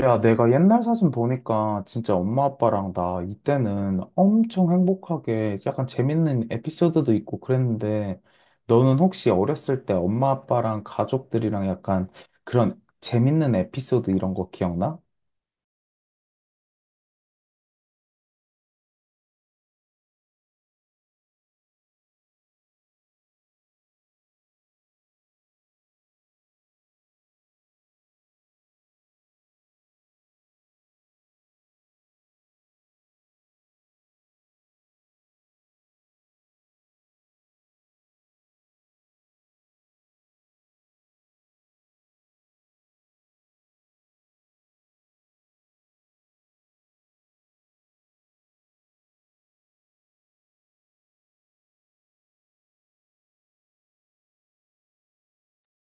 야, 내가 옛날 사진 보니까 진짜 엄마 아빠랑 나 이때는 엄청 행복하게 약간 재밌는 에피소드도 있고 그랬는데 너는 혹시 어렸을 때 엄마 아빠랑 가족들이랑 약간 그런 재밌는 에피소드 이런 거 기억나?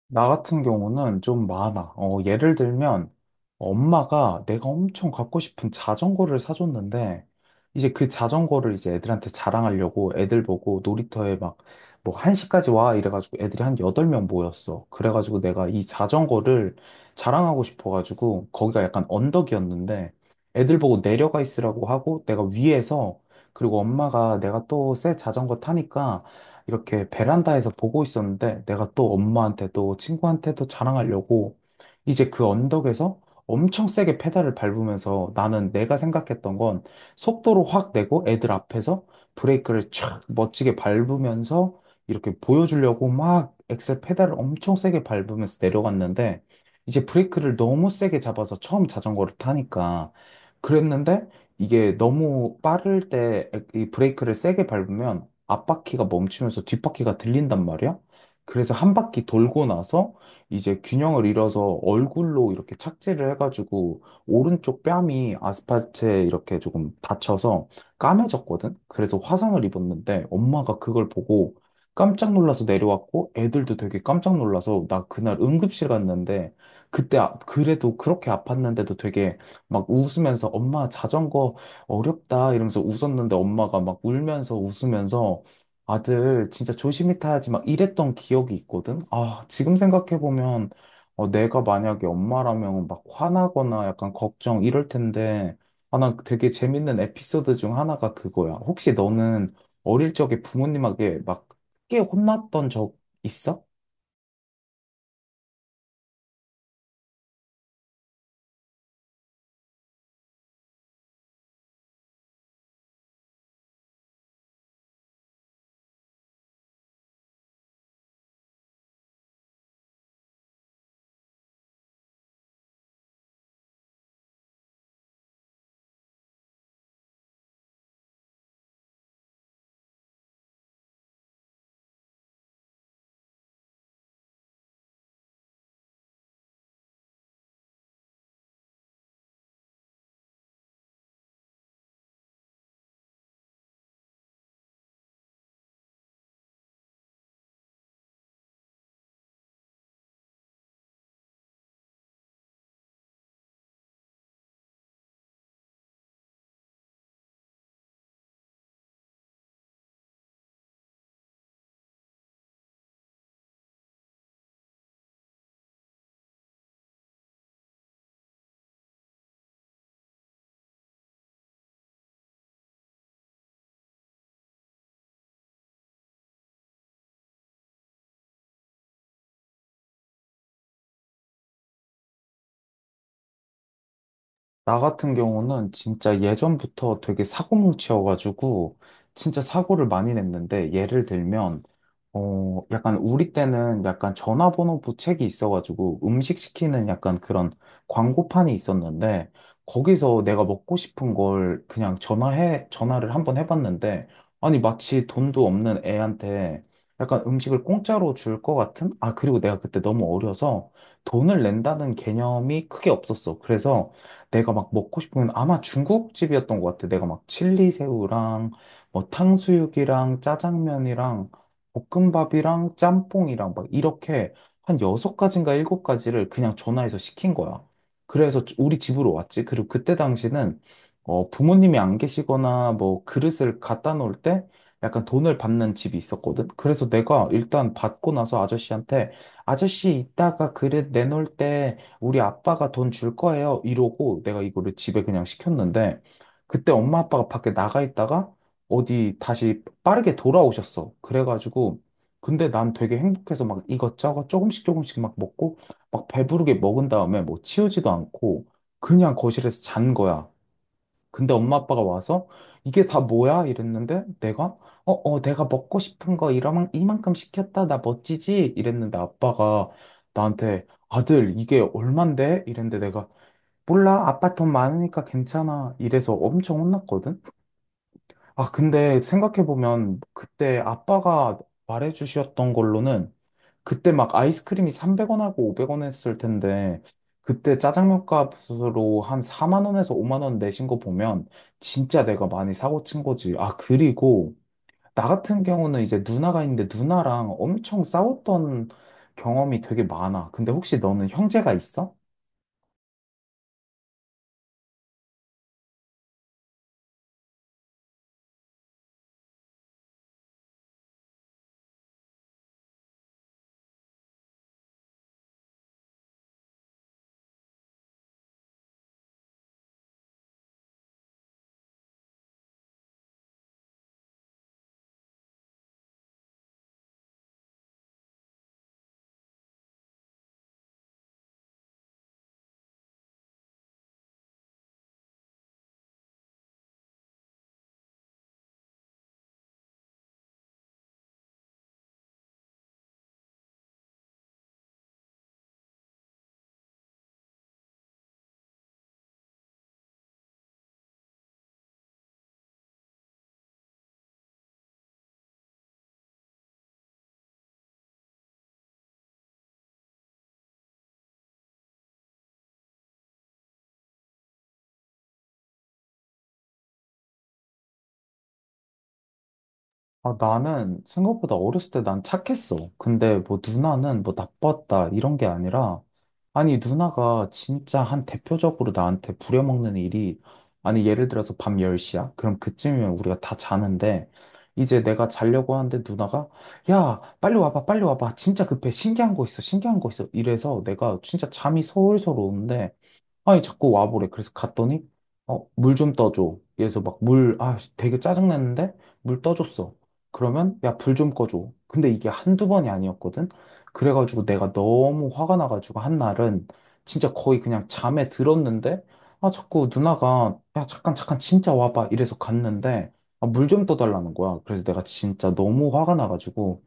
나 같은 경우는 좀 많아. 어, 예를 들면, 엄마가 내가 엄청 갖고 싶은 자전거를 사줬는데, 이제 그 자전거를 이제 애들한테 자랑하려고 애들 보고 놀이터에 막, 뭐, 1시까지 와. 이래가지고 애들이 한 8명 모였어. 그래가지고 내가 이 자전거를 자랑하고 싶어가지고, 거기가 약간 언덕이었는데, 애들 보고 내려가 있으라고 하고, 내가 위에서, 그리고 엄마가 내가 또 새 자전거 타니까, 이렇게 베란다에서 보고 있었는데 내가 또 엄마한테도 친구한테도 자랑하려고 이제 그 언덕에서 엄청 세게 페달을 밟으면서 나는 내가 생각했던 건 속도로 확 내고 애들 앞에서 브레이크를 촥 멋지게 밟으면서 이렇게 보여주려고 막 엑셀 페달을 엄청 세게 밟으면서 내려갔는데 이제 브레이크를 너무 세게 잡아서 처음 자전거를 타니까 그랬는데 이게 너무 빠를 때 이 브레이크를 세게 밟으면 앞바퀴가 멈추면서 뒷바퀴가 들린단 말이야. 그래서 한 바퀴 돌고 나서 이제 균형을 잃어서 얼굴로 이렇게 착지를 해가지고 오른쪽 뺨이 아스팔트에 이렇게 조금 다쳐서 까매졌거든. 그래서 화상을 입었는데 엄마가 그걸 보고 깜짝 놀라서 내려왔고 애들도 되게 깜짝 놀라서 나 그날 응급실 갔는데 그때 그래도 그렇게 아팠는데도 되게 막 웃으면서 엄마 자전거 어렵다 이러면서 웃었는데 엄마가 막 울면서 웃으면서 아들 진짜 조심히 타야지 막 이랬던 기억이 있거든. 아, 지금 생각해보면 어, 내가 만약에 엄마라면 막 화나거나 약간 걱정 이럴 텐데 아, 난 되게 재밌는 에피소드 중 하나가 그거야. 혹시 너는 어릴 적에 부모님에게 막 크게 혼났던 적 있어? 나 같은 경우는 진짜 예전부터 되게 사고뭉치여가지고 진짜 사고를 많이 냈는데 예를 들면 어, 약간 우리 때는 약간 전화번호 부책이 있어가지고 음식 시키는 약간 그런 광고판이 있었는데 거기서 내가 먹고 싶은 걸 그냥 전화를 한번 해봤는데 아니 마치 돈도 없는 애한테 약간 음식을 공짜로 줄 것 같은? 아, 그리고 내가 그때 너무 어려서 돈을 낸다는 개념이 크게 없었어. 그래서 내가 막 먹고 싶은 건 아마 중국집이었던 것 같아. 내가 막 칠리새우랑 뭐 탕수육이랑 짜장면이랑 볶음밥이랑 짬뽕이랑 막 이렇게 한 여섯 가지인가 일곱 가지를 그냥 전화해서 시킨 거야. 그래서 우리 집으로 왔지. 그리고 그때 당시는 어, 부모님이 안 계시거나 뭐 그릇을 갖다 놓을 때 약간 돈을 받는 집이 있었거든. 그래서 내가 일단 받고 나서 아저씨한테 아저씨 이따가 그릇 내놓을 때 우리 아빠가 돈 줄 거예요. 이러고 내가 이거를 집에 그냥 시켰는데 그때 엄마 아빠가 밖에 나가 있다가 어디 다시 빠르게 돌아오셨어. 그래가지고, 근데 난 되게 행복해서 막 이것저것 조금씩 조금씩 막 먹고, 막 배부르게 먹은 다음에 뭐 치우지도 않고, 그냥 거실에서 잔 거야. 근데 엄마 아빠가 와서, 이게 다 뭐야? 이랬는데, 내가, 어, 어, 내가 먹고 싶은 거 이만큼 시켰다. 나 멋지지? 이랬는데 아빠가 나한테, 아들, 이게 얼만데? 이랬는데 내가, 몰라. 아빠 돈 많으니까 괜찮아. 이래서 엄청 혼났거든? 아, 근데 생각해보면 그때 아빠가 말해주셨던 걸로는 그때 막 아이스크림이 300원하고 500원 했을 텐데 그때 짜장면 값으로 한 4만 원에서 5만 원 내신 거 보면 진짜 내가 많이 사고 친 거지. 아, 그리고 나 같은 경우는 이제 누나가 있는데 누나랑 엄청 싸웠던 경험이 되게 많아. 근데 혹시 너는 형제가 있어? 아, 나는 생각보다 어렸을 때 난 착했어. 근데 뭐 누나는 뭐 나빴다 이런 게 아니라 아니 누나가 진짜 한 대표적으로 나한테 부려먹는 일이 아니 예를 들어서 밤 10시야? 그럼 그쯤이면 우리가 다 자는데 이제 내가 자려고 하는데 누나가 야 빨리 와봐 빨리 와봐 진짜 급해 신기한 거 있어 신기한 거 있어 이래서 내가 진짜 잠이 솔솔 오는데 아니, 자꾸 와보래. 그래서 갔더니, 어, 물 좀 떠줘. 그래서 막 물, 아, 되게 짜증났는데, 물 떠줬어. 그러면, 야, 불 좀 꺼줘. 근데 이게 한두 번이 아니었거든? 그래가지고 내가 너무 화가 나가지고 한 날은 진짜 거의 그냥 잠에 들었는데, 아, 자꾸 누나가, 야, 잠깐, 잠깐, 진짜 와봐. 이래서 갔는데, 아, 물좀 떠달라는 거야. 그래서 내가 진짜 너무 화가 나가지고,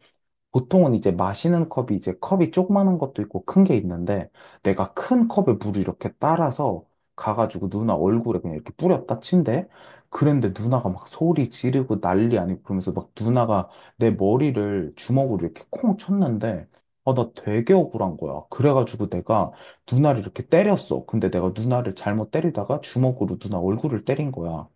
보통은 이제 마시는 컵이 이제 컵이 조그마한 것도 있고 큰 게 있는데 내가 큰 컵에 물을 이렇게 따라서 가가지고 누나 얼굴에 그냥 이렇게 뿌렸다 친대. 그런데 누나가 막 소리 지르고 난리 아니고 그러면서 막 누나가 내 머리를 주먹으로 이렇게 콩 쳤는데 아, 나 되게 억울한 거야. 그래가지고 내가 누나를 이렇게 때렸어. 근데 내가 누나를 잘못 때리다가 주먹으로 누나 얼굴을 때린 거야.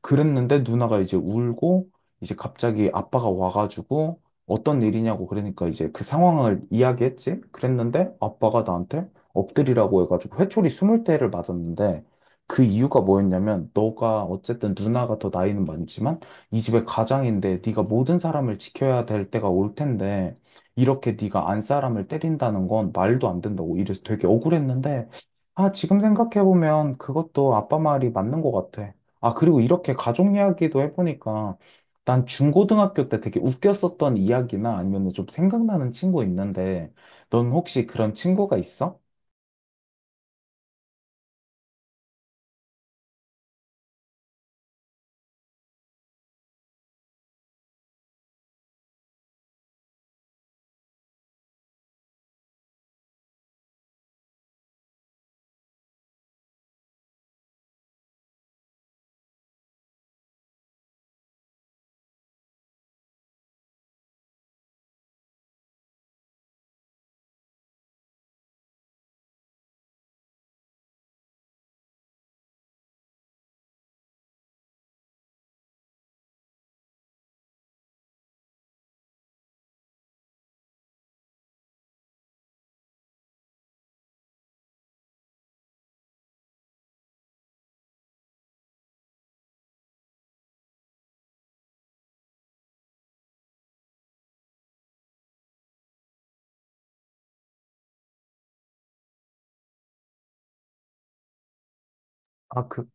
그랬는데 누나가 이제 울고 이제 갑자기 아빠가 와가지고 어떤 일이냐고 그러니까 이제 그 상황을 이야기했지? 그랬는데 아빠가 나한테 엎드리라고 해가지고 회초리 20대를 맞았는데 그 이유가 뭐였냐면 너가 어쨌든 누나가 더 나이는 많지만 이 집의 가장인데 네가 모든 사람을 지켜야 될 때가 올 텐데 이렇게 네가 안 사람을 때린다는 건 말도 안 된다고 이래서 되게 억울했는데 아 지금 생각해보면 그것도 아빠 말이 맞는 것 같아. 아, 그리고 이렇게 가족 이야기도 해보니까 난 중고등학교 때 되게 웃겼었던 이야기나 아니면 좀 생각나는 친구 있는데 넌 혹시 그런 친구가 있어? 아, 그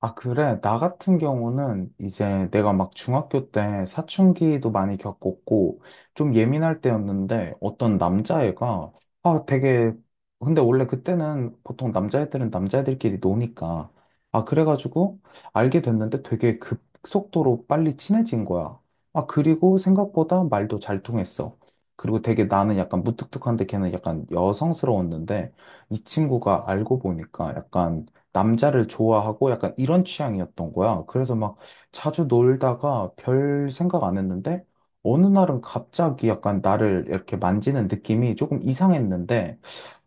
아, 그래. 나 같은 경우는 이제 내가 막 중학교 때 사춘기도 많이 겪었고 좀 예민할 때였는데 어떤 남자애가 아, 되게 근데 원래 그때는 보통 남자애들은 남자애들끼리 노니까 아, 그래가지고 알게 됐는데 되게 급속도로 빨리 친해진 거야. 아, 그리고 생각보다 말도 잘 통했어. 그리고 되게 나는 약간 무뚝뚝한데 걔는 약간 여성스러웠는데 이 친구가 알고 보니까 약간 남자를 좋아하고 약간 이런 취향이었던 거야. 그래서 막 자주 놀다가 별 생각 안 했는데 어느 날은 갑자기 약간 나를 이렇게 만지는 느낌이 조금 이상했는데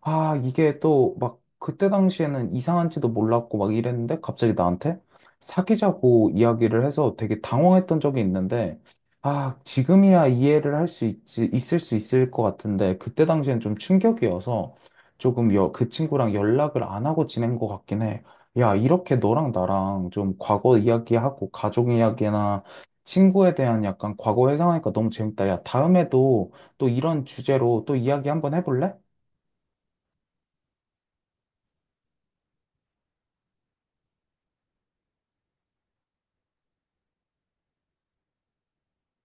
아, 이게 또 막 그때 당시에는 이상한지도 몰랐고 막 이랬는데 갑자기 나한테 사귀자고 이야기를 해서 되게 당황했던 적이 있는데 아, 지금이야 이해를 할 수 있을 수 있을 것 같은데 그때 당시엔 좀 충격이어서 조금 그 친구랑 연락을 안 하고 지낸 것 같긴 해. 야, 이렇게 너랑 나랑 좀 과거 이야기하고 가족 이야기나 친구에 대한 약간 과거 회상하니까 너무 재밌다. 야, 다음에도 또 이런 주제로 또 이야기 한번 해볼래?